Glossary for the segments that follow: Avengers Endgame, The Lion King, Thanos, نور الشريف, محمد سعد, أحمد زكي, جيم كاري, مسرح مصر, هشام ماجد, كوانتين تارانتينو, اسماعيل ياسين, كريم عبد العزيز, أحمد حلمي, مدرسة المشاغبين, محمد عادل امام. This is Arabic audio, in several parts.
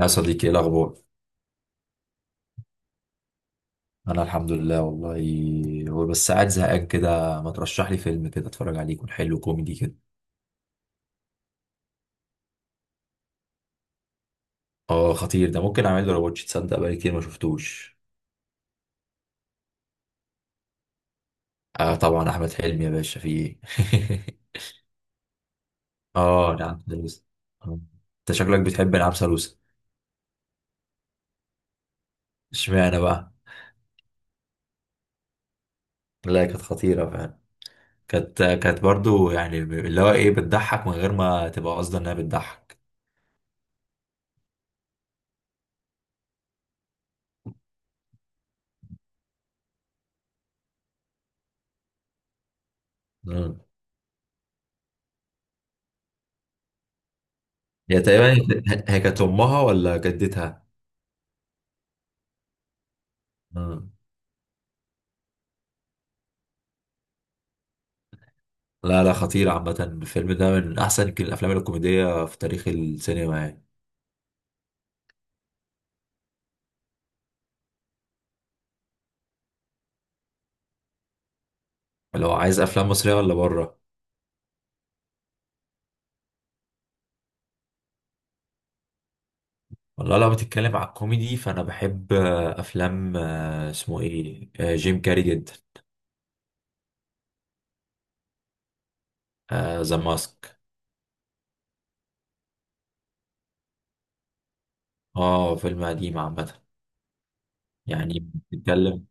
يا صديقي، ايه الاخبار؟ انا الحمد لله والله. هو بس قاعد زهقان كده. ما ترشح لي فيلم كده اتفرج عليه، يكون حلو كوميدي كده؟ اه، خطير ده. ممكن اعمل له رواتش. تصدق بقالي كتير ما شفتوش. اه طبعا، احمد حلمي يا باشا. في ايه؟ اه، نعم سلوسة. آه. انت شكلك بتحب نعم سلوسة؟ اشمعنى بقى؟ لا، كانت خطيرة فعلا. كانت برضو، يعني اللي هو ايه، بتضحك من غير ما تبقى قصدها انها بتضحك. مم. هي تقريبا. هي كانت امها ولا جدتها؟ مم. لا لا، خطير عامة. الفيلم ده من أحسن يمكن الأفلام الكوميدية في تاريخ السينما يعني. لو عايز أفلام مصرية ولا بره؟ والله لو بتتكلم على الكوميدي، فأنا بحب أفلام اسمه إيه جيم كاري جدا. ذا ماسك. فيلم قديم عامة. يعني بتتكلم...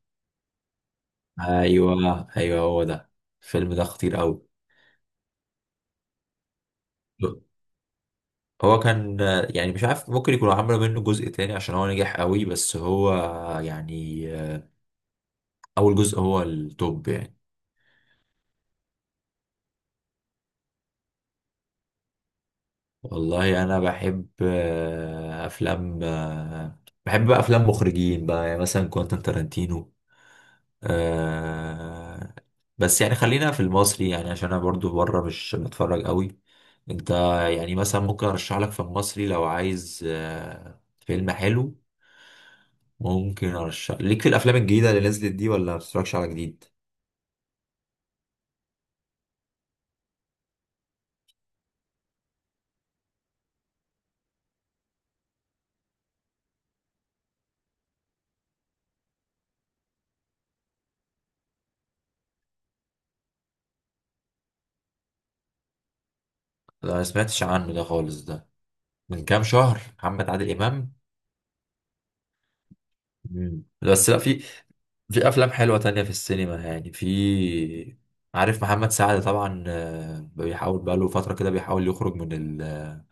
أيوه أيوه، هو ده. الفيلم ده خطير أوي. هو كان يعني مش عارف، ممكن يكونوا عملوا منه جزء تاني عشان هو نجح قوي، بس هو يعني أول جزء هو التوب يعني. والله انا بحب افلام بحب بقى افلام مخرجين بقى، يعني مثلا كوانتين تارانتينو. آه، بس يعني خلينا في المصري يعني، عشان انا برضو بره مش بتفرج قوي. انت... يعني مثلا ممكن ارشح لك في المصري لو عايز فيلم حلو. ممكن ارشح ليك في الافلام الجديده اللي نزلت دي؟ ولا ما بتتفرجش على جديد؟ لا ما سمعتش عنه ده خالص ده. من كام شهر محمد عادل امام؟ مم. بس لا، في... في افلام حلوه تانية في السينما يعني. في... عارف محمد سعد طبعا، بيحاول بقاله فتره كده، بيحاول يخرج من ال...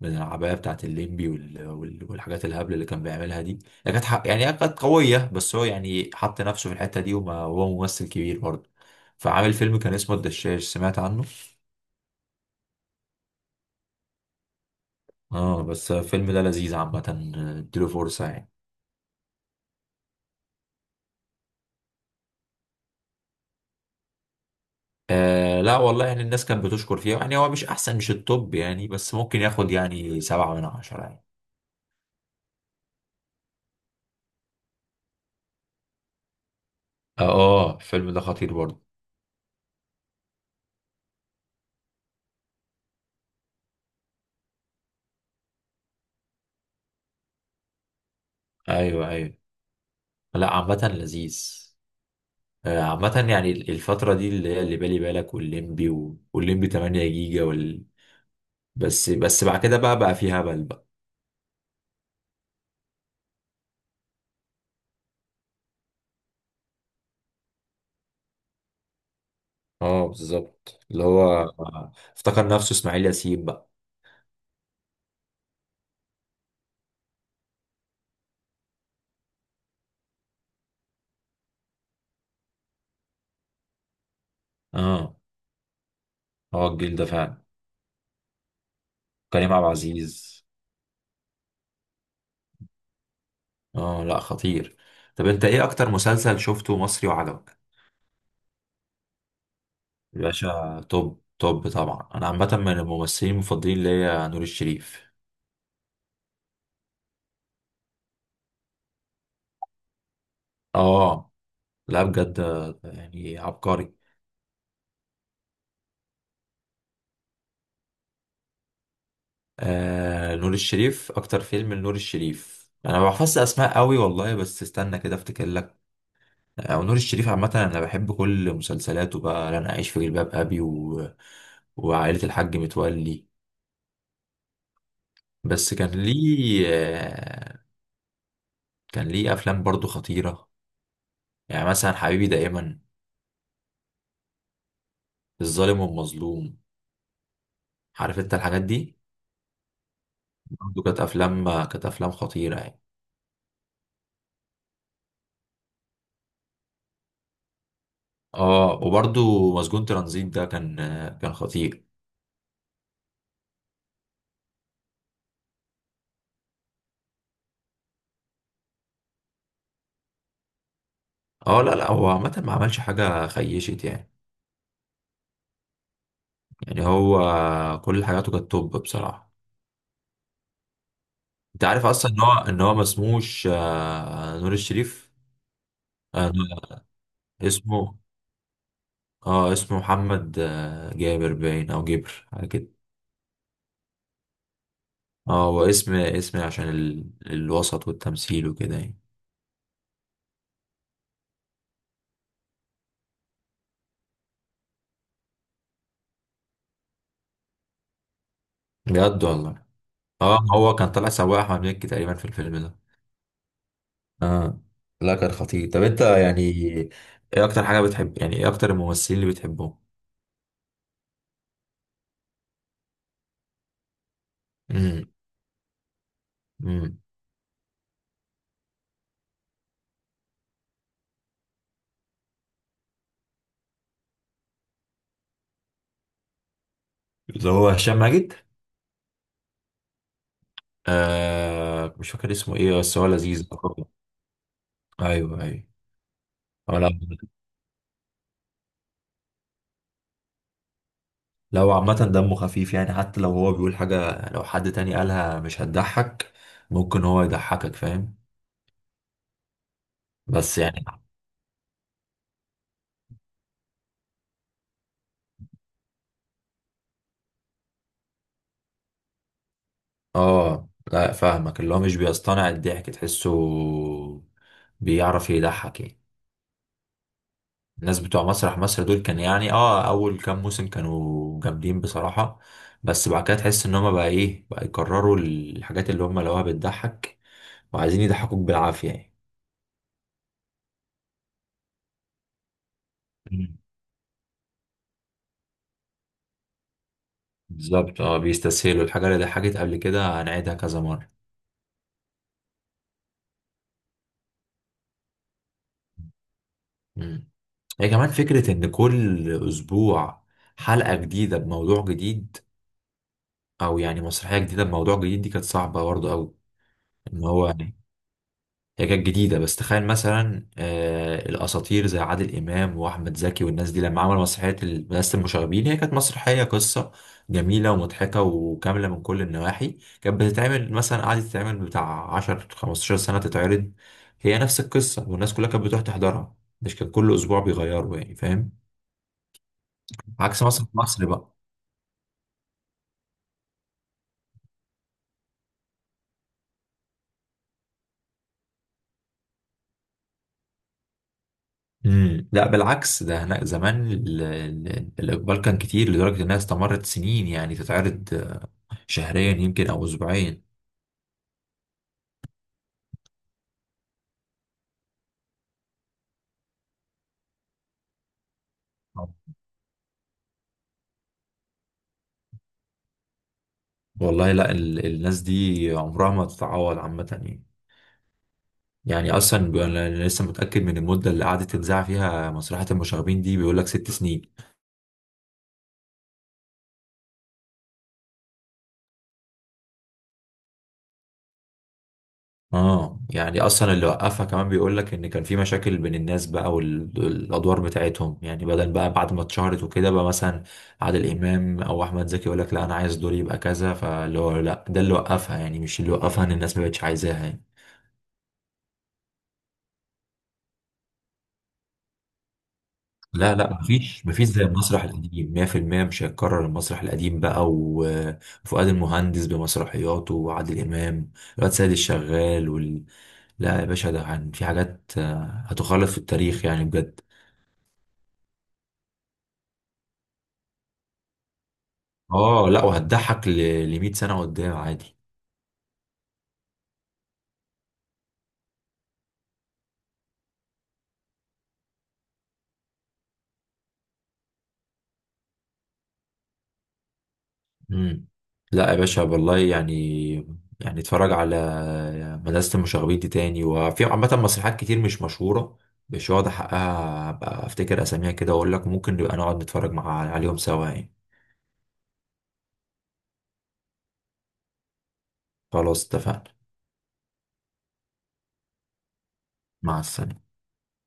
من العبايه بتاعت الليمبي والحاجات الهبل اللي كان بيعملها دي. هي كانت يعني هي كانت قويه، بس هو يعني حط نفسه في الحته دي، وما هو ممثل كبير برضه. فعامل فيلم كان اسمه الدشاش، سمعت عنه؟ اه، بس الفيلم ده لذيذ عامه. اديله فرصه يعني. لا والله، يعني الناس كانت بتشكر فيه يعني. هو مش احسن، مش التوب يعني، بس ممكن ياخد يعني سبعة من عشرة يعني. اه، الفيلم ده خطير برضه. ايوه ايوه. لا، عامة لذيذ. عامة يعني الفترة دي اللي هي اللي بالي بالك والليمبي والليمبي 8 جيجا وال... بس بعد كده بقى في هبل بقى. اه بالظبط، اللي هو افتكر نفسه اسماعيل ياسين بقى. اه، هو الجيل ده فعلا. كريم عبد العزيز. اه، لا خطير. طب انت ايه اكتر مسلسل شفته مصري وعجبك؟ يا باشا، توب توب طبعا. انا عامة من الممثلين المفضلين ليا نور الشريف. اه لا، بجد يعني عبقري. نور الشريف، اكتر فيلم لنور الشريف، انا ما بحفظش اسماء قوي والله، بس استنى كده افتكر لك. او نور الشريف عامه، انا بحب كل مسلسلاته بقى، لن اعيش في جلباب ابي و... وعائله الحاج متولي. بس كان ليه كان ليه افلام برضو خطيره. يعني مثلا حبيبي دائما، الظالم والمظلوم، عارف انت الحاجات دي. برضو كانت افلام خطيره يعني. اه، وبرضو مسجون ترانزيت ده كان كان خطير. اه لا لا، هو عامة ما عملش حاجة خيشت يعني. يعني هو... كل حاجاته كانت توب بصراحة. انت عارف اصلا ان هو ما اسموش نور الشريف. آه، نور- اسمه... اه اسمه محمد جابر باين او جبر حاجة كده. اه، هو اسم عشان ال... الوسط والتمثيل وكده يعني. بجد والله. اه، هو كان طالع سواق احمد مكي تقريبا في الفيلم ده. اه لا، كان خطير. طب انت يعني ايه... اكتر حاجة بتحب؟ يعني ايه اكتر الممثلين اللي بتحبهم؟ امم. اللي هو هشام ماجد. مش فاكر اسمه ايه، بس هو لذيذ. ايوه ايوه. هو لو... لو عامة دمه خفيف يعني. حتى لو هو بيقول حاجة، لو حد تاني قالها مش هتضحك، ممكن هو يضحكك، فاهم؟ بس يعني... اه لا، فاهمك. اللي هو مش بيصطنع الضحك، تحسه بيعرف يضحك يعني. الناس بتوع مسرح مصر دول كان يعني، اول كام موسم كانوا جامدين بصراحة. بس بعد كده تحس ان هما بقى ايه بقى يكرروا الحاجات اللي هما لقوها بتضحك، وعايزين يضحكوك بالعافية يعني. مم. بالظبط، اه، بيستسهلوا الحاجة اللي ضحكت قبل كده، هنعيدها كذا مرة. مم. هي كمان فكرة إن كل أسبوع حلقة جديدة بموضوع جديد، أو يعني مسرحية جديدة بموضوع جديد، دي كانت صعبة برضه أوي. إن هو... هي كانت جديدة، بس تخيل مثلا الأساطير زي عادل إمام وأحمد زكي والناس دي لما عملوا مسرحية مدرسة المشاغبين، هي كانت مسرحية قصة جميلة ومضحكة وكاملة من كل النواحي. كانت بتتعمل مثلا، قعدت تتعمل بتاع 10 15 سنة تتعرض، هي نفس القصة، والناس كلها كانت بتروح تحضرها. مش كان كل أسبوع بيغيروا يعني، فاهم؟ عكس مثلا في مصر بقى. امم. لا بالعكس، ده هناك زمان الإقبال كان كتير لدرجة إنها استمرت سنين، يعني تتعرض شهريا يمكن أو أسبوعيا. والله لا، الناس دي عمرها ما تتعوض عامة يعني. يعني أصلا أنا لسه متأكد من المدة اللي قعدت تنزع فيها مسرحية المشاغبين دي، بيقول لك ست سنين. اه، يعني أصلا اللي وقفها كمان بيقول لك إن كان في مشاكل بين الناس بقى والأدوار بتاعتهم يعني، بدل بقى بعد ما اتشهرت وكده بقى، مثلا عادل إمام أو أحمد زكي يقول لك لا أنا عايز دوري يبقى كذا، فاللي هو لا، ده اللي وقفها يعني، مش اللي وقفها إن الناس ما بقتش عايزاها يعني. لا لا، مفيش زي المسرح القديم 100%. مش هيتكرر المسرح القديم بقى، وفؤاد المهندس بمسرحياته وعادل إمام، الواد سيد الشغال وال... لا يا باشا، ده في حاجات هتخلد في التاريخ يعني بجد. اه لا، وهتضحك ل 100 سنة قدام عادي. مم. لا يا باشا والله يعني. يعني اتفرج على مدرسة المشاغبين دي تاني. وفي عامة مسرحيات كتير مش مشهورة، مش واخد حقها، أبقى أفتكر أساميها كده وأقول لك، ممكن نبقى نقعد نتفرج مع عليهم سوا يعني. خلاص اتفقنا. مع السلامة.